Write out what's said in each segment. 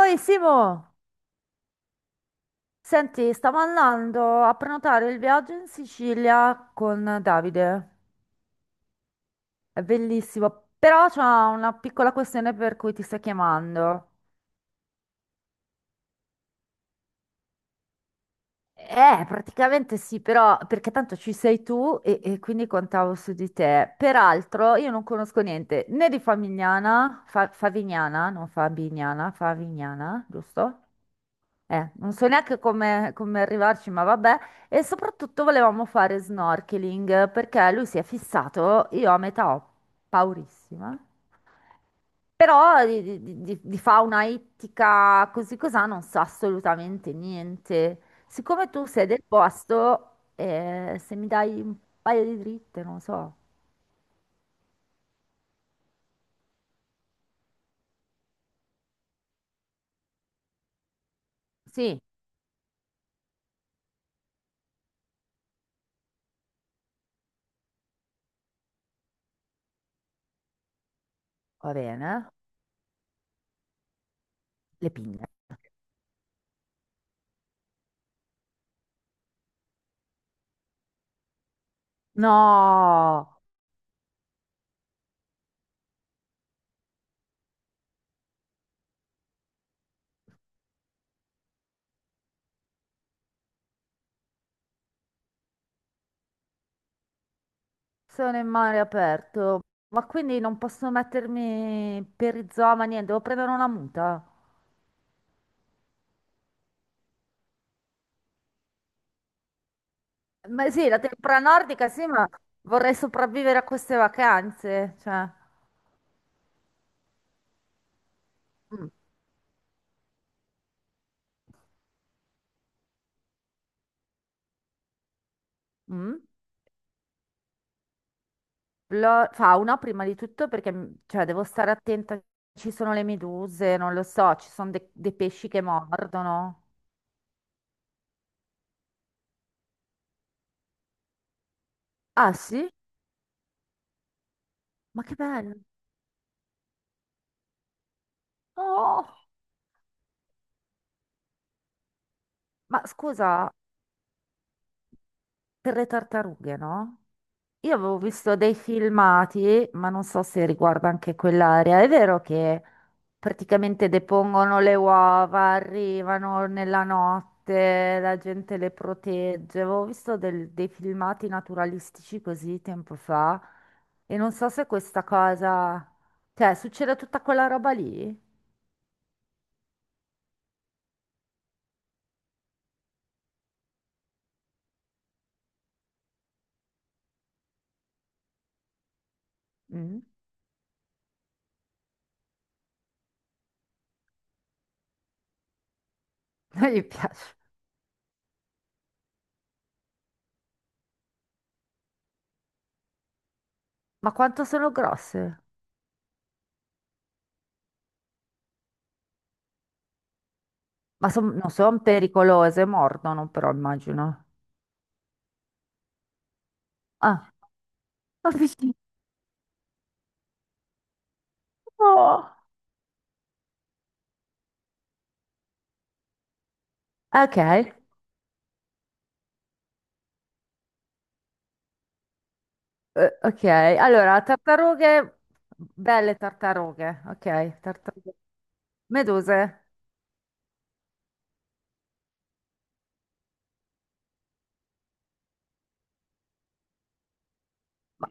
Oi Simo, senti, stavo andando a prenotare il viaggio in Sicilia con Davide. È bellissimo, però c'è una piccola questione per cui ti sto chiamando. Praticamente sì, però perché tanto ci sei tu e quindi contavo su di te. Peraltro io non conosco niente né di Favignana, Favignana, non Fabignana, Favignana, giusto? Non so neanche come arrivarci, ma vabbè. E soprattutto volevamo fare snorkeling perché lui si è fissato, io a metà ho paurissima. Però di fauna ittica così cosà non so assolutamente niente. Siccome tu sei del posto, se mi dai un paio di dritte, non so. Sì, va bene. Le pinne. No! Sono in mare aperto, ma quindi non posso mettermi perizoma, niente, devo prendere una muta. Ma sì, la tempra nordica, sì, ma vorrei sopravvivere a queste vacanze, cioè... Mm. Mm. Fauna prima di tutto perché cioè, devo stare attenta, ci sono le meduse, non lo so, ci sono dei pesci che mordono. Ah sì? Ma che bello! Oh! Ma scusa, per le tartarughe, no? Io avevo visto dei filmati, ma non so se riguarda anche quell'area. È vero che praticamente depongono le uova, arrivano nella notte, la gente le protegge. Avevo visto dei filmati naturalistici così tempo fa e non so se questa cosa... Cioè, succede tutta quella roba lì? Mm? Non gli piace. Ma quanto sono grosse? Non sono pericolose, mordono però, immagino. Ah, ma vicino. Ok, ok. Allora, tartarughe, belle tartarughe, ok, tartarughe. Meduse, ma,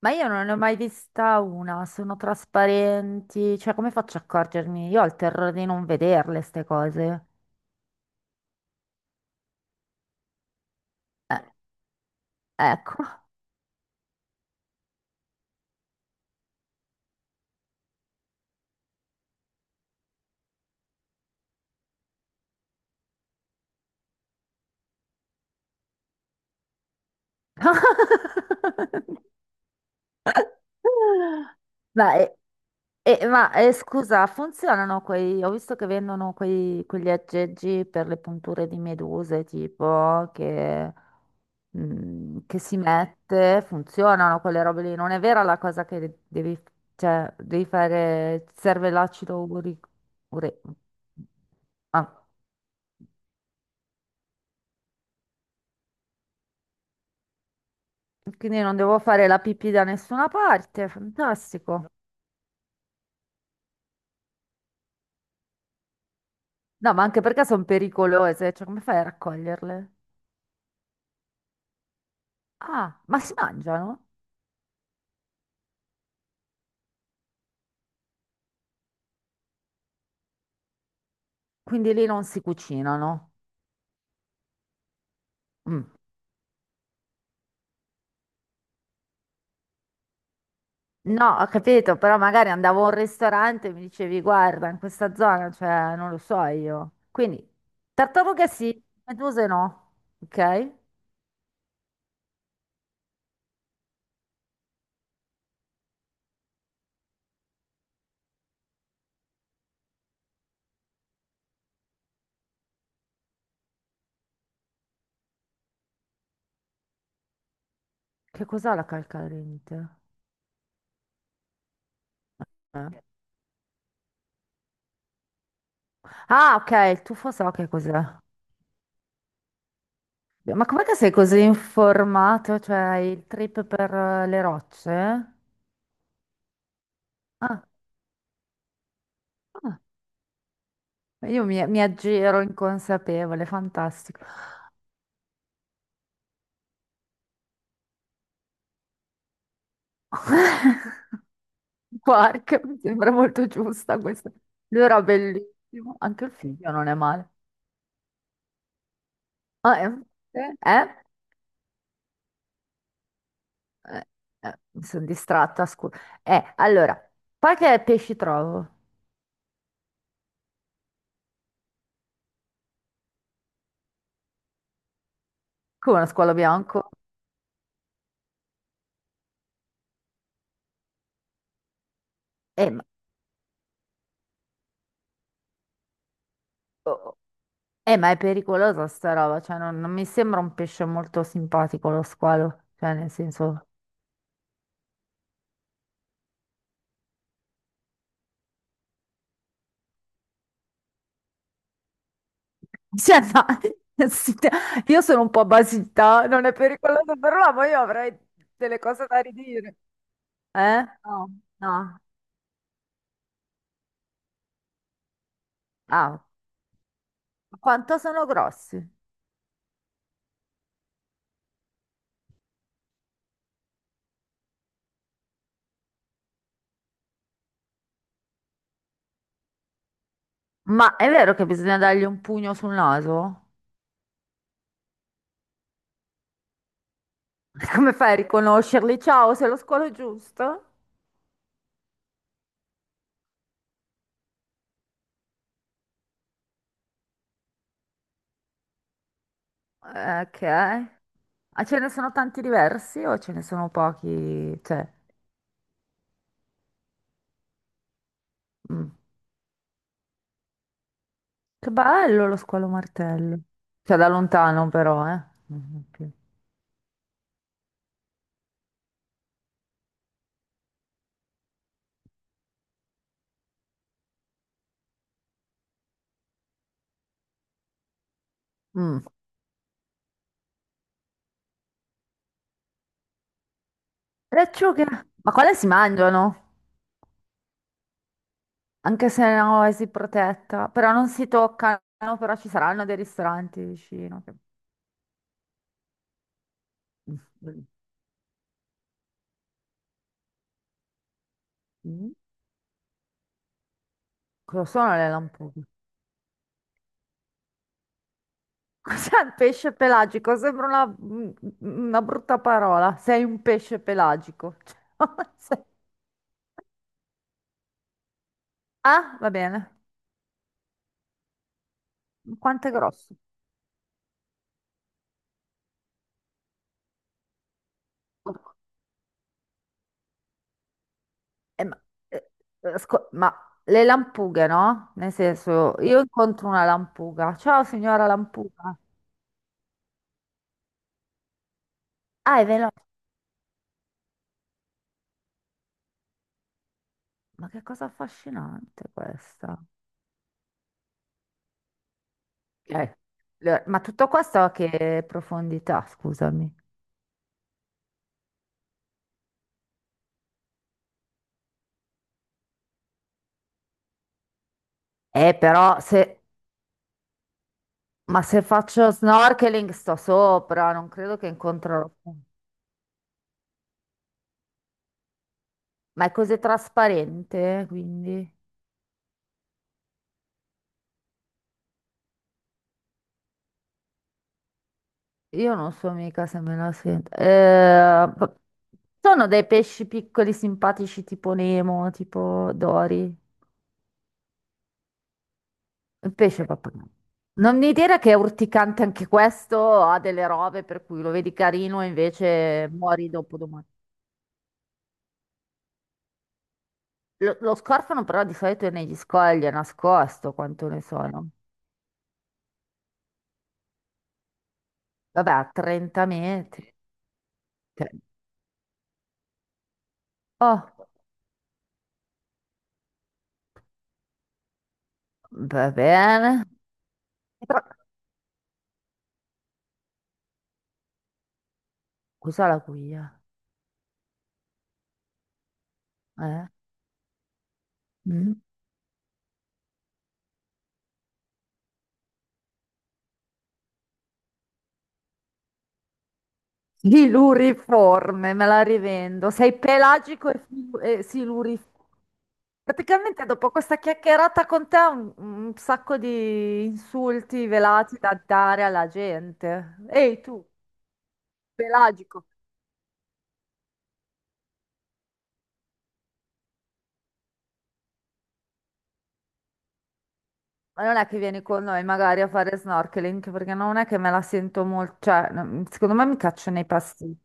ma io non ne ho mai vista una, sono trasparenti, cioè come faccio a accorgermi? Io ho il terrore di non vederle, ste cose. Eh, ecco. Ma, scusa, funzionano quei... Ho visto che vendono quegli aggeggi per le punture di meduse, tipo, che... che si mette, funzionano quelle robe lì. Non è vera la cosa che devi, cioè, devi fare, ti serve l'acido urico. ure- ah, quindi non devo fare la pipì da nessuna parte, fantastico. No, ma anche perché sono pericolose, cioè come fai a raccoglierle? Ah, ma si mangiano? Quindi lì non si cucinano. Mm. No, ho capito, però magari andavo a un ristorante e mi dicevi, guarda, in questa zona, cioè, non lo so io. Quindi, tartarughe sì, meduse no, ok? Che cos'è la calcarente? Eh. Ah, ok, il tufo so che cos'è. Ma com'è che sei così informato? Cioè, hai il trip per le rocce? Ah, ah, io mi aggiro inconsapevole, fantastico. Quark, mi sembra molto giusta questa. Lui era bellissimo, anche il figlio non è male. Ah, eh, eh, mi sono distratta, scusa. Allora, poi che pesci trovo? Come uno squalo bianco? Eh, ma, oh, oh, ma è pericolosa sta roba, cioè non, non mi sembra un pesce molto simpatico lo squalo, cioè nel senso... Cioè, no, sì, io sono un po' basita, non è pericoloso per l'uomo, io avrei delle cose da ridire. Eh? No, no. Ah, quanto sono grossi? Ma è vero che bisogna dargli un pugno sul naso? Come fai a riconoscerli? Ciao, sei lo squalo giusto? Ok. Ma ce ne sono tanti diversi o ce ne sono pochi? Cioè, mm. Che bello lo squalo martello. Cioè, da lontano però, eh. Mhm, ok. Mm. Le acciughe? Ma quale si mangiano? Anche se no, è si protetta. Però non si toccano, però ci saranno dei ristoranti vicino. Mm. Mm. Cosa sono le lampughe? Cos'è un pesce pelagico? Sembra una brutta parola. Sei un pesce pelagico. Cioè. Ah, va bene. Quanto è grosso? Eh, ma, eh, ma le lampughe, no? Nel senso, io incontro una lampuga. Ciao, signora lampuga. Ah, è veloce. Ma che cosa affascinante questa. Eh, Ma tutto questo a che profondità, scusami. Però se Ma se faccio snorkeling sto sopra, non credo che incontrerò. Ma è così trasparente, quindi io non so mica se me la sento. Sono dei pesci piccoli, simpatici, tipo Nemo, tipo Dori. Il pesce proprio. No. Non mi dire che è urticante anche questo, ha delle robe per cui lo vedi carino e invece muori dopo domani. Lo scorfano però di solito è negli scogli, è nascosto, quanto ne sono. Vabbè, a 30 metri. Cioè, oh, va bene. Però- Cos'è la cuia? Eh? Mm. Siluriforme, me la rivendo. Sei pelagico e, siluriforme. Praticamente dopo questa chiacchierata con te ho un sacco di insulti velati da dare alla gente. Ehi tu, pelagico, ma non è che vieni con noi magari a fare snorkeling, perché non è che me la sento molto, cioè, no, secondo me mi cacciano nei passi.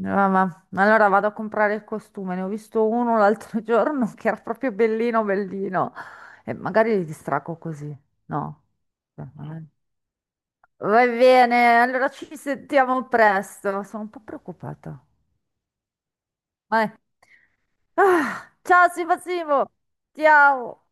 Mamma, allora vado a comprare il costume, ne ho visto uno l'altro giorno che era proprio bellino, bellino. E magari li distracco così, no? Beh, va bene, allora ci sentiamo presto. Sono un po' preoccupata. Vai. Ah, ciao Simo Simo, ciao.